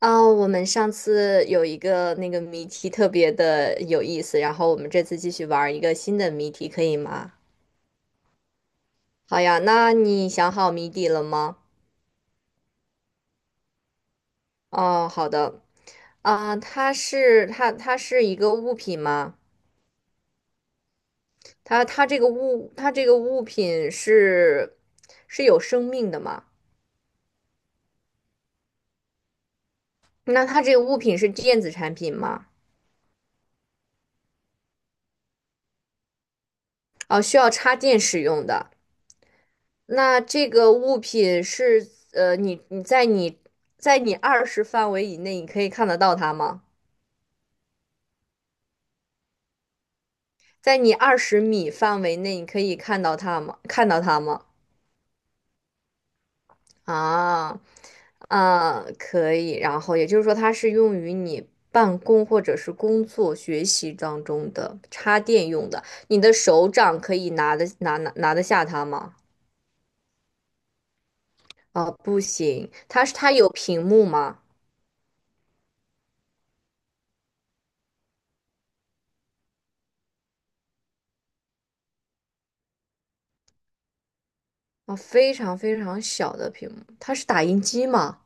哦，我们上次有一个那个谜题特别的有意思，然后我们这次继续玩一个新的谜题，可以吗？好呀，那你想好谜底了吗？哦，好的。啊、它是一个物品吗？它这个物品是有生命的吗？那它这个物品是电子产品吗？哦，需要插电使用的。那这个物品是你二十范围以内，你可以看得到它吗？在你20米范围内，你可以看到它吗？啊，啊，可以。然后也就是说，它是用于你办公或者是工作、学习当中的插电用的。你的手掌可以拿得下它吗？啊，不行。它有屏幕吗？啊，非常非常小的屏幕。它是打印机吗？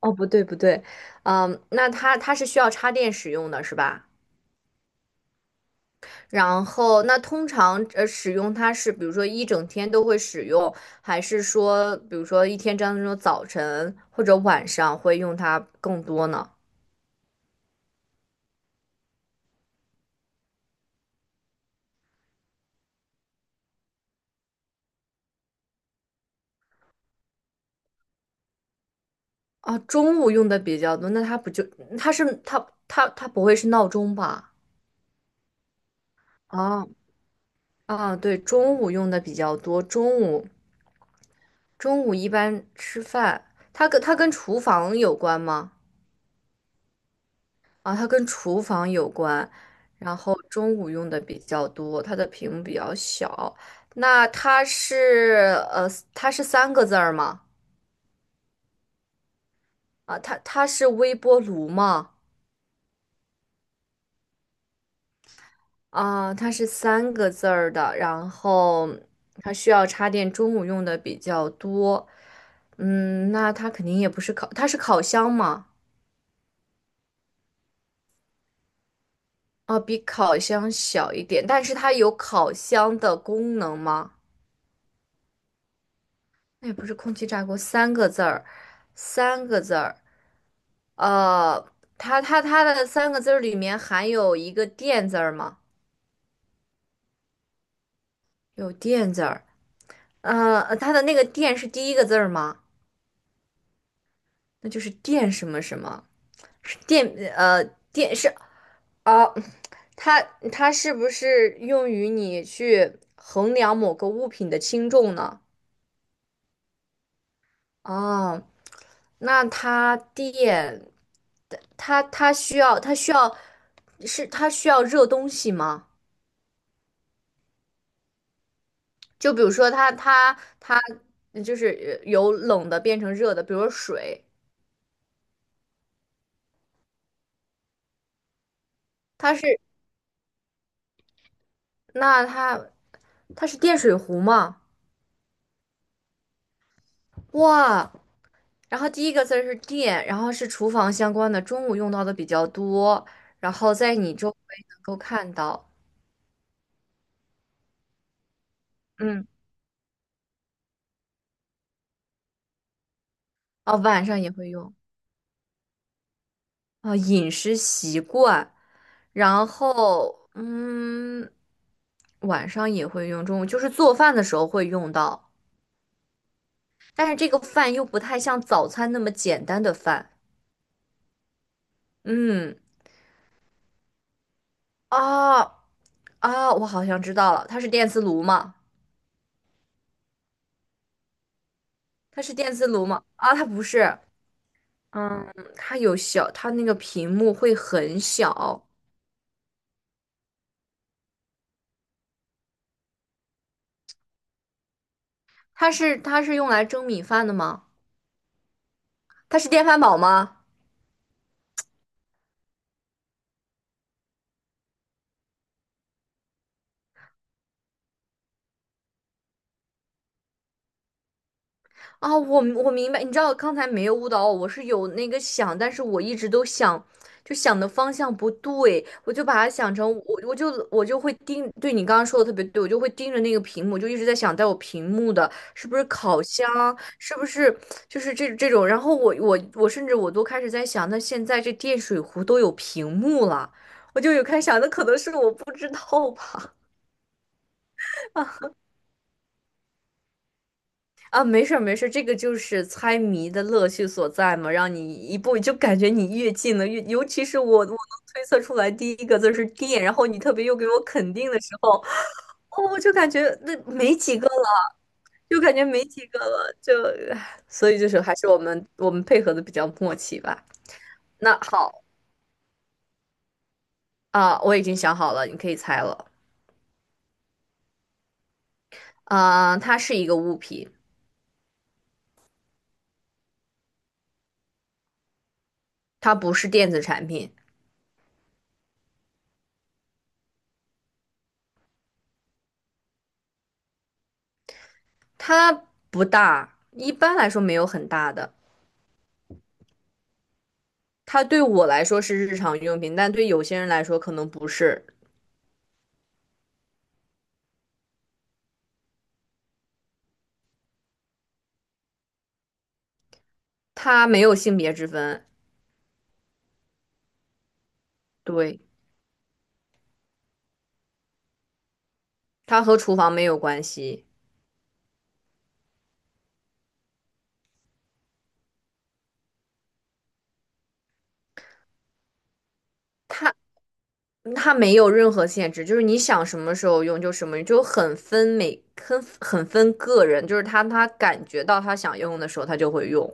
哦，不对不对，嗯，那它是需要插电使用的是吧？然后那通常使用它是比如说一整天都会使用，还是说比如说一天当中早晨或者晚上会用它更多呢？啊，中午用的比较多，那它不就它不会是闹钟吧？啊啊，对，中午用的比较多，中午一般吃饭，它跟厨房有关吗？啊，它跟厨房有关，然后中午用的比较多，它的屏幕比较小。那它是三个字儿吗？啊，它是微波炉吗？啊，它是三个字儿的，然后它需要插电，中午用的比较多。嗯，那它肯定也不是它是烤箱吗？啊，比烤箱小一点，但是它有烤箱的功能吗？那也不是空气炸锅，三个字儿。呃，它的三个字儿里面含有一个电字儿吗？有电字儿。它的那个电是第一个字儿吗？那就是电什么什么，是电呃电是哦，它它是不是用于你去衡量某个物品的轻重呢？哦，那它电，它它需要它需要是它需要热东西吗？就比如说它就是由冷的变成热的，比如说水，它是那它它是电水壶吗？哇，然后第一个字儿是电，然后是厨房相关的，中午用到的比较多，然后在你周围能够看到，嗯，哦，晚上也会用。啊，饮食习惯，然后晚上也会用，中午就是做饭的时候会用到，但是这个饭又不太像早餐那么简单的饭。嗯，啊啊，我好像知道了，它是电磁炉吗？它是电磁炉吗？啊，它不是，嗯，它有小，它那个屏幕会很小，它是用来蒸米饭的吗？它是电饭煲吗？啊，我明白，你知道刚才没有误导我，我是有那个想，但是我一直都想，就想的方向不对，我就把它想成我就会盯，对你刚刚说的特别对，我就会盯着那个屏幕，就一直在想带我屏幕的是不是烤箱，是不是就是这种，然后我甚至我都开始在想，那现在这电水壶都有屏幕了，我就有开始想，那可能是我不知道吧。啊，没事儿没事儿，这个就是猜谜的乐趣所在嘛，让你一步就感觉你越近了，越尤其是我能推测出来第一个字是电，然后你特别又给我肯定的时候，哦，我就感觉那没几个了，就感觉没几个了，就，唉所以就是还是我们配合的比较默契吧。那好啊，我已经想好了，你可以猜了。啊，它是一个物品，它不是电子产品，它不大，一般来说没有很大的。它对我来说是日常用品，但对有些人来说可能不是。它没有性别之分，对，它和厨房没有关系，它它没有任何限制，就是你想什么时候用就什么用，就很分个人，就是他感觉到他想用的时候他就会用，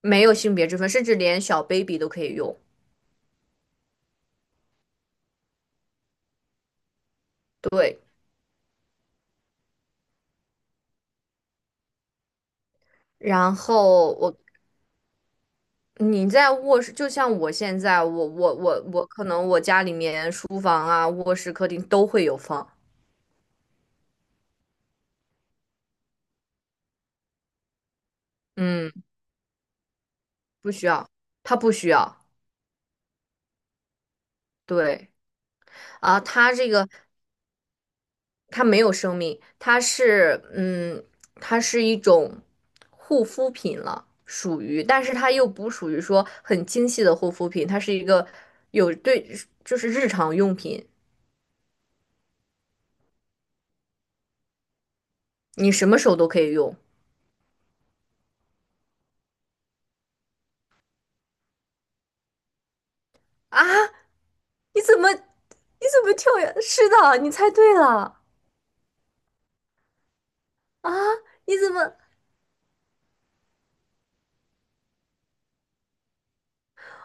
没有性别之分，甚至连小 baby 都可以用。对，然后你在卧室，就像我现在，我可能我家里面书房啊、卧室、客厅都会有放，嗯，不需要，它不需要。对啊，它这个它没有生命，它是一种护肤品了，属于，但是它又不属于说很精细的护肤品，它是一个有对，就是日常用品，你什么时候都可以用啊？你怎么跳跃？是的，你猜对了啊！你怎么？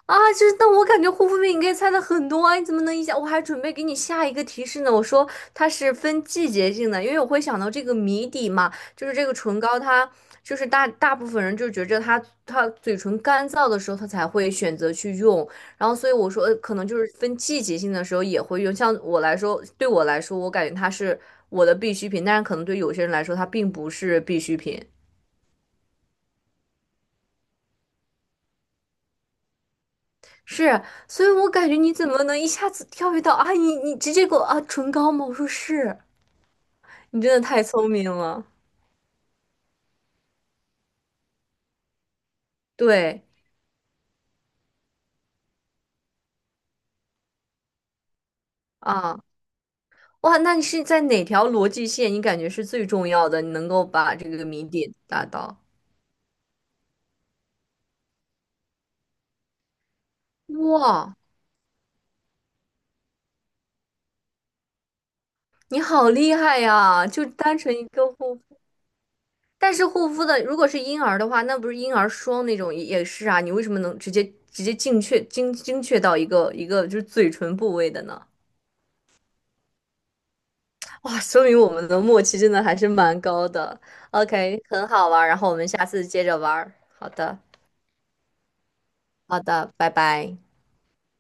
啊，就是，但我感觉护肤品你可以猜的很多啊，你怎么能一下？我还准备给你下一个提示呢。我说它是分季节性的，因为我会想到这个谜底嘛，就是这个唇膏它，就是大部分人就觉着它嘴唇干燥的时候，它才会选择去用。然后所以我说，可能就是分季节性的时候也会用。像我来说，对我来说，我感觉它是我的必需品，但是可能对有些人来说，它并不是必需品。是，所以我感觉你怎么能一下子跳跃到啊？你直接给我啊唇膏吗？我说是，你真的太聪明了。对啊，哇，那你是在哪条逻辑线？你感觉是最重要的，你能够把这个谜底达到？哇，你好厉害呀！就单纯一个护肤，但是护肤的如果是婴儿的话，那不是婴儿霜那种也是啊？你为什么能直接精确到一个一个就是嘴唇部位的呢？哇，说明我们的默契真的还是蛮高的。OK，很好玩儿，然后我们下次接着玩儿。好的，好的，拜拜。